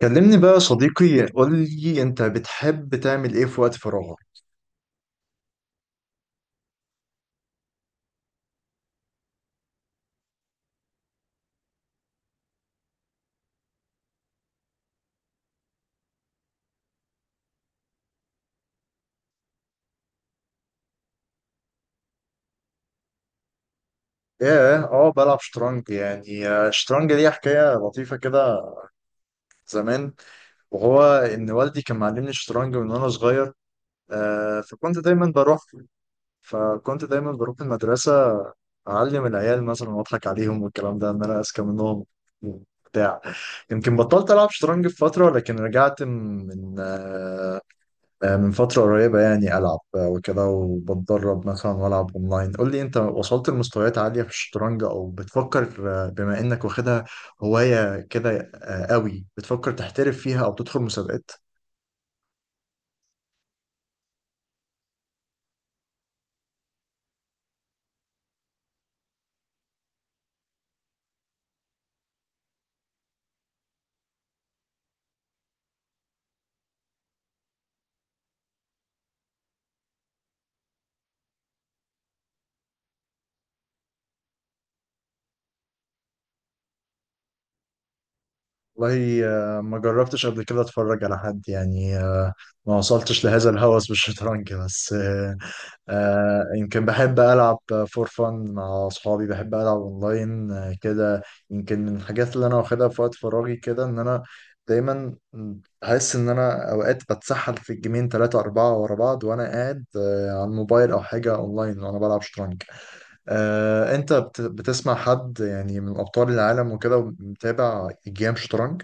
كلمني بقى يا صديقي، قول لي انت بتحب تعمل ايه في وقت فراغك؟ ايه، اه بلعب شطرنج يعني. الشطرنج ليه حكايه لطيفه كده زمان. وهو ان والدي كان معلمني الشطرنج من وانا صغير. آه، فكنت دايما بروح المدرسه، اعلم العيال مثلا واضحك عليهم والكلام ده، ان انا اذكى منهم بتاع. يمكن بطلت العب شطرنج في فتره، لكن رجعت من من فترة قريبة يعني ألعب، وكده، وبتدرب مثلا وألعب أونلاين. قول لي أنت وصلت لمستويات عالية في الشطرنج أو بتفكر، بما إنك واخدها هواية كده قوي، بتفكر تحترف فيها أو تدخل مسابقات؟ والله ما جربتش قبل كده أتفرج على حد يعني. ما وصلتش لهذا الهوس بالشطرنج، بس يمكن بحب ألعب فور فن مع أصحابي، بحب ألعب أونلاين آه كده. يمكن من الحاجات اللي أنا واخدها في وقت فراغي كده، إن أنا دايما أحس إن أنا أوقات بتسحل في الجيمين تلاتة أربعة ورا بعض، وأنا قاعد على الموبايل أو حاجة أونلاين، وأنا بلعب شطرنج. آه، بتسمع حد يعني من أبطال العالم وكده، متابع جيم شطرنج؟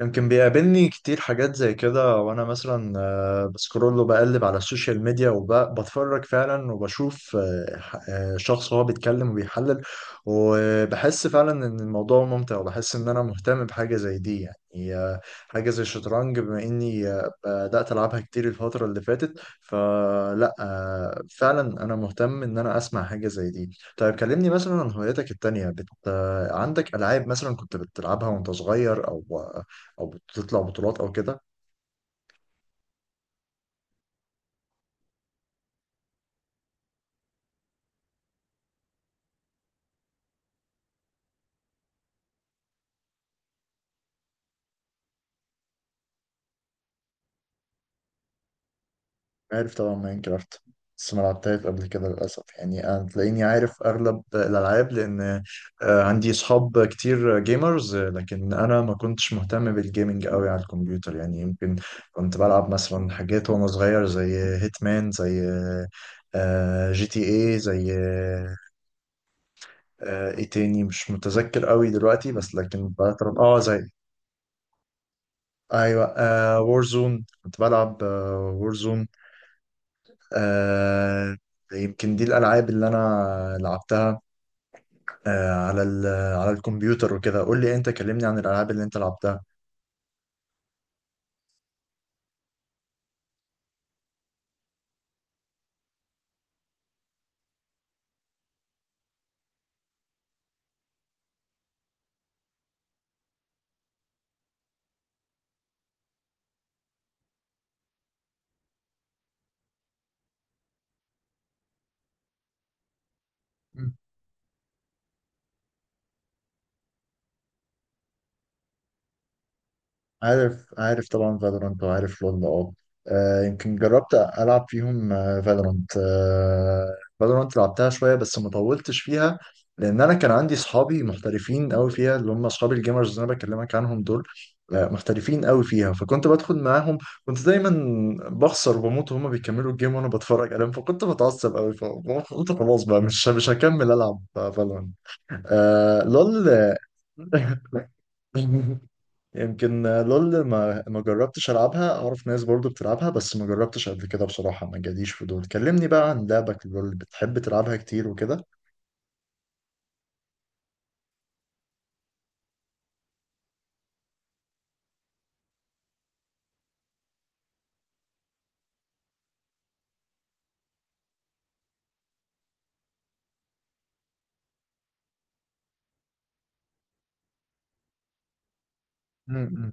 يمكن بيقابلني كتير حاجات زي كده، وانا مثلا بسكرول وبقلب على السوشيال ميديا وبتفرج فعلا، وبشوف شخص وهو بيتكلم وبيحلل، وبحس فعلا ان الموضوع ممتع، وبحس ان انا مهتم بحاجة زي دي يعني. حاجة زي الشطرنج، بما اني بدأت العبها كتير الفترة اللي فاتت، فلا فعلا انا مهتم ان انا اسمع حاجة زي دي. طيب كلمني مثلا عن هواياتك التانية، بت... آه، عندك ألعاب مثلا كنت بتلعبها وانت صغير، او او بتطلع بطولات او كده؟ عارف طبعا ماين كرافت، بس ما لعبتهاش قبل كده للاسف. يعني انا تلاقيني عارف اغلب الالعاب، لان عندي اصحاب كتير جيمرز، لكن انا ما كنتش مهتم بالجيمنج قوي على الكمبيوتر يعني. يمكن كنت بلعب مثلا حاجات وانا صغير زي هيتمان، زي جي تي اي، زي ايه تاني مش متذكر قوي دلوقتي، بس لكن بطلب اه زي، ايوه وورزون كنت بلعب. وورزون آه. يمكن دي الألعاب اللي أنا لعبتها على الكمبيوتر وكده. قول لي أنت، كلمني عن الألعاب اللي أنت لعبتها. عارف طبعا فالورانت، وعارف لول، اه. يمكن جربت العب فيهم. فالورانت، فالورانت لعبتها شويه بس ما طولتش فيها، لان انا كان عندي اصحابي محترفين قوي فيها، اللي هم اصحابي الجيمرز اللي انا بكلمك عنهم دول. محترفين قوي فيها، فكنت بدخل معاهم. كنت دايما بخسر وبموت، وهم بيكملوا الجيم وانا بتفرج عليهم، فكنت بتعصب قوي، فقلت خلاص بقى مش هكمل العب فالورانت. آه لول. يمكن لول ما جربتش العبها، اعرف ناس برضو بتلعبها، بس ما جربتش قبل كده بصراحة، ما جاليش فضول. كلمني بقى عن لعبك لول، بتحب تلعبها كتير وكده؟ م-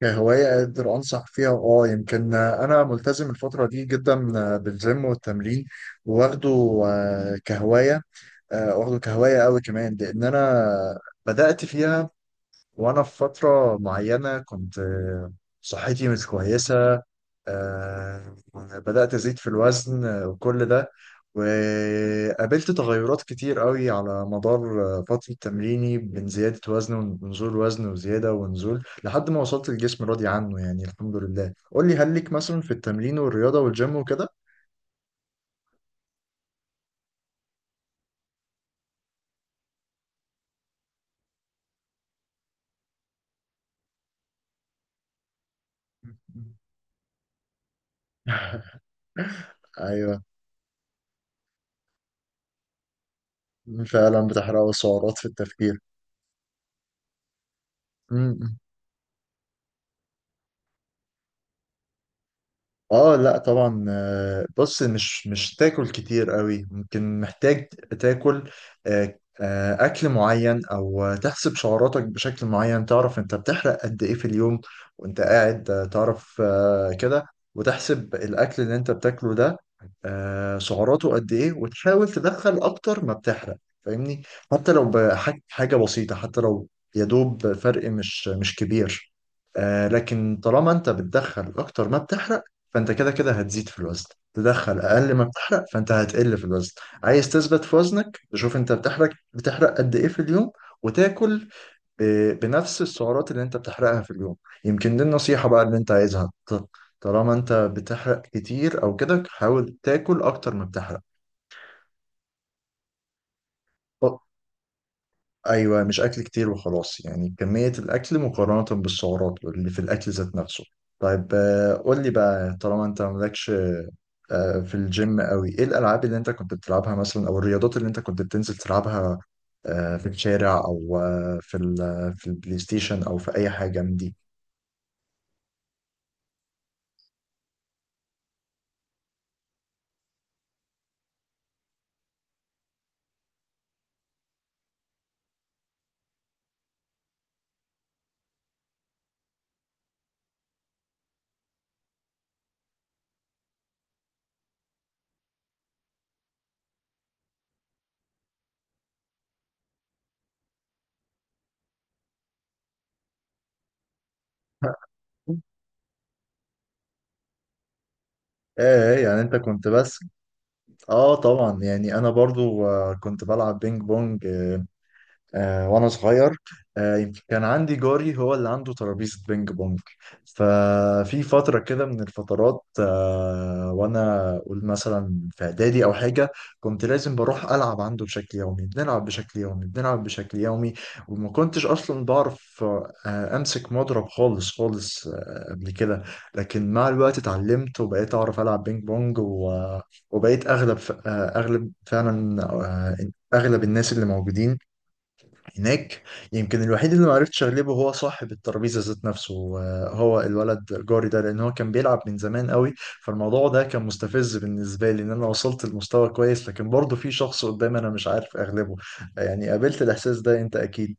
كهواية أقدر أنصح فيها، أه. يمكن أنا ملتزم الفترة دي جدا بالجيم والتمرين، واخده كهواية، واخده كهواية أوي كمان، لأن أنا بدأت فيها وأنا في فترة معينة كنت صحتي مش كويسة. آه، بدأت أزيد في الوزن، وكل ده، وقابلت تغيرات كتير قوي على مدار فترة تمريني، بين زيادة وزن ونزول وزن، وزيادة ونزول، لحد ما وصلت الجسم راضي عنه يعني، الحمد لله. قول لي هل ليك مثلا في التمرين والرياضة والجيم وكده؟ أيوه، فعلا بتحرق سعرات في التفكير. اه لا طبعا. بص، مش تاكل كتير قوي. ممكن محتاج تاكل اكل معين، او تحسب سعراتك بشكل معين. تعرف انت بتحرق قد ايه في اليوم وانت قاعد، تعرف كده، وتحسب الاكل اللي انت بتاكله ده سعراته قد ايه، وتحاول تدخل اكتر ما بتحرق، فاهمني؟ حتى لو بحاجة حاجة بسيطة، حتى لو يا دوب فرق مش كبير. آه، لكن طالما انت بتدخل اكتر ما بتحرق، فانت كده كده هتزيد في الوزن. تدخل اقل ما بتحرق، فانت هتقل في الوزن. عايز تثبت في وزنك، تشوف انت بتحرق قد ايه في اليوم، وتاكل بنفس السعرات اللي انت بتحرقها في اليوم. يمكن دي النصيحة بقى اللي انت عايزها. طالما انت بتحرق كتير او كده، حاول تاكل اكتر ما بتحرق. أو- ايوه، مش اكل كتير وخلاص، يعني كمية الاكل مقارنة بالسعرات اللي في الاكل ذات نفسه. طيب قول لي بقى، طالما انت مالكش في الجيم قوي، ايه الالعاب اللي انت كنت بتلعبها مثلا، او الرياضات اللي انت كنت بتنزل تلعبها في الشارع، او في البلاي ستيشن، او في اي حاجه من دي؟ ايه إيه، يعني انت كنت بس. اه طبعا، يعني انا برضو كنت بلعب بينج بونج، وانا صغير. يمكن كان عندي جاري هو اللي عنده ترابيزه بينج بونج، ففي فتره كده من الفترات وانا اقول مثلا في اعدادي او حاجه، كنت لازم بروح العب عنده بشكل يومي، بنلعب بشكل يومي، بنلعب بشكل يومي. وما كنتش اصلا بعرف امسك مضرب خالص قبل كده. لكن مع الوقت اتعلمت، وبقيت اعرف العب بينج بونج، وبقيت اغلب ف- آه، اغلب فعلا آه، اغلب الناس اللي موجودين هناك. يمكن الوحيد اللي ما عرفتش اغلبه هو صاحب الترابيزه ذات نفسه، هو الولد جاري ده، لان هو كان بيلعب من زمان قوي. فالموضوع ده كان مستفز بالنسبه لي، ان انا وصلت لمستوى كويس لكن برضه في شخص قدامي انا مش عارف اغلبه. يعني قابلت الاحساس ده انت اكيد.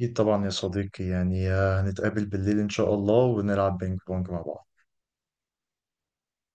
اكيد طبعا يا صديقي. يعني هنتقابل بالليل ان شاء الله، ونلعب بينج بونج مع بعض.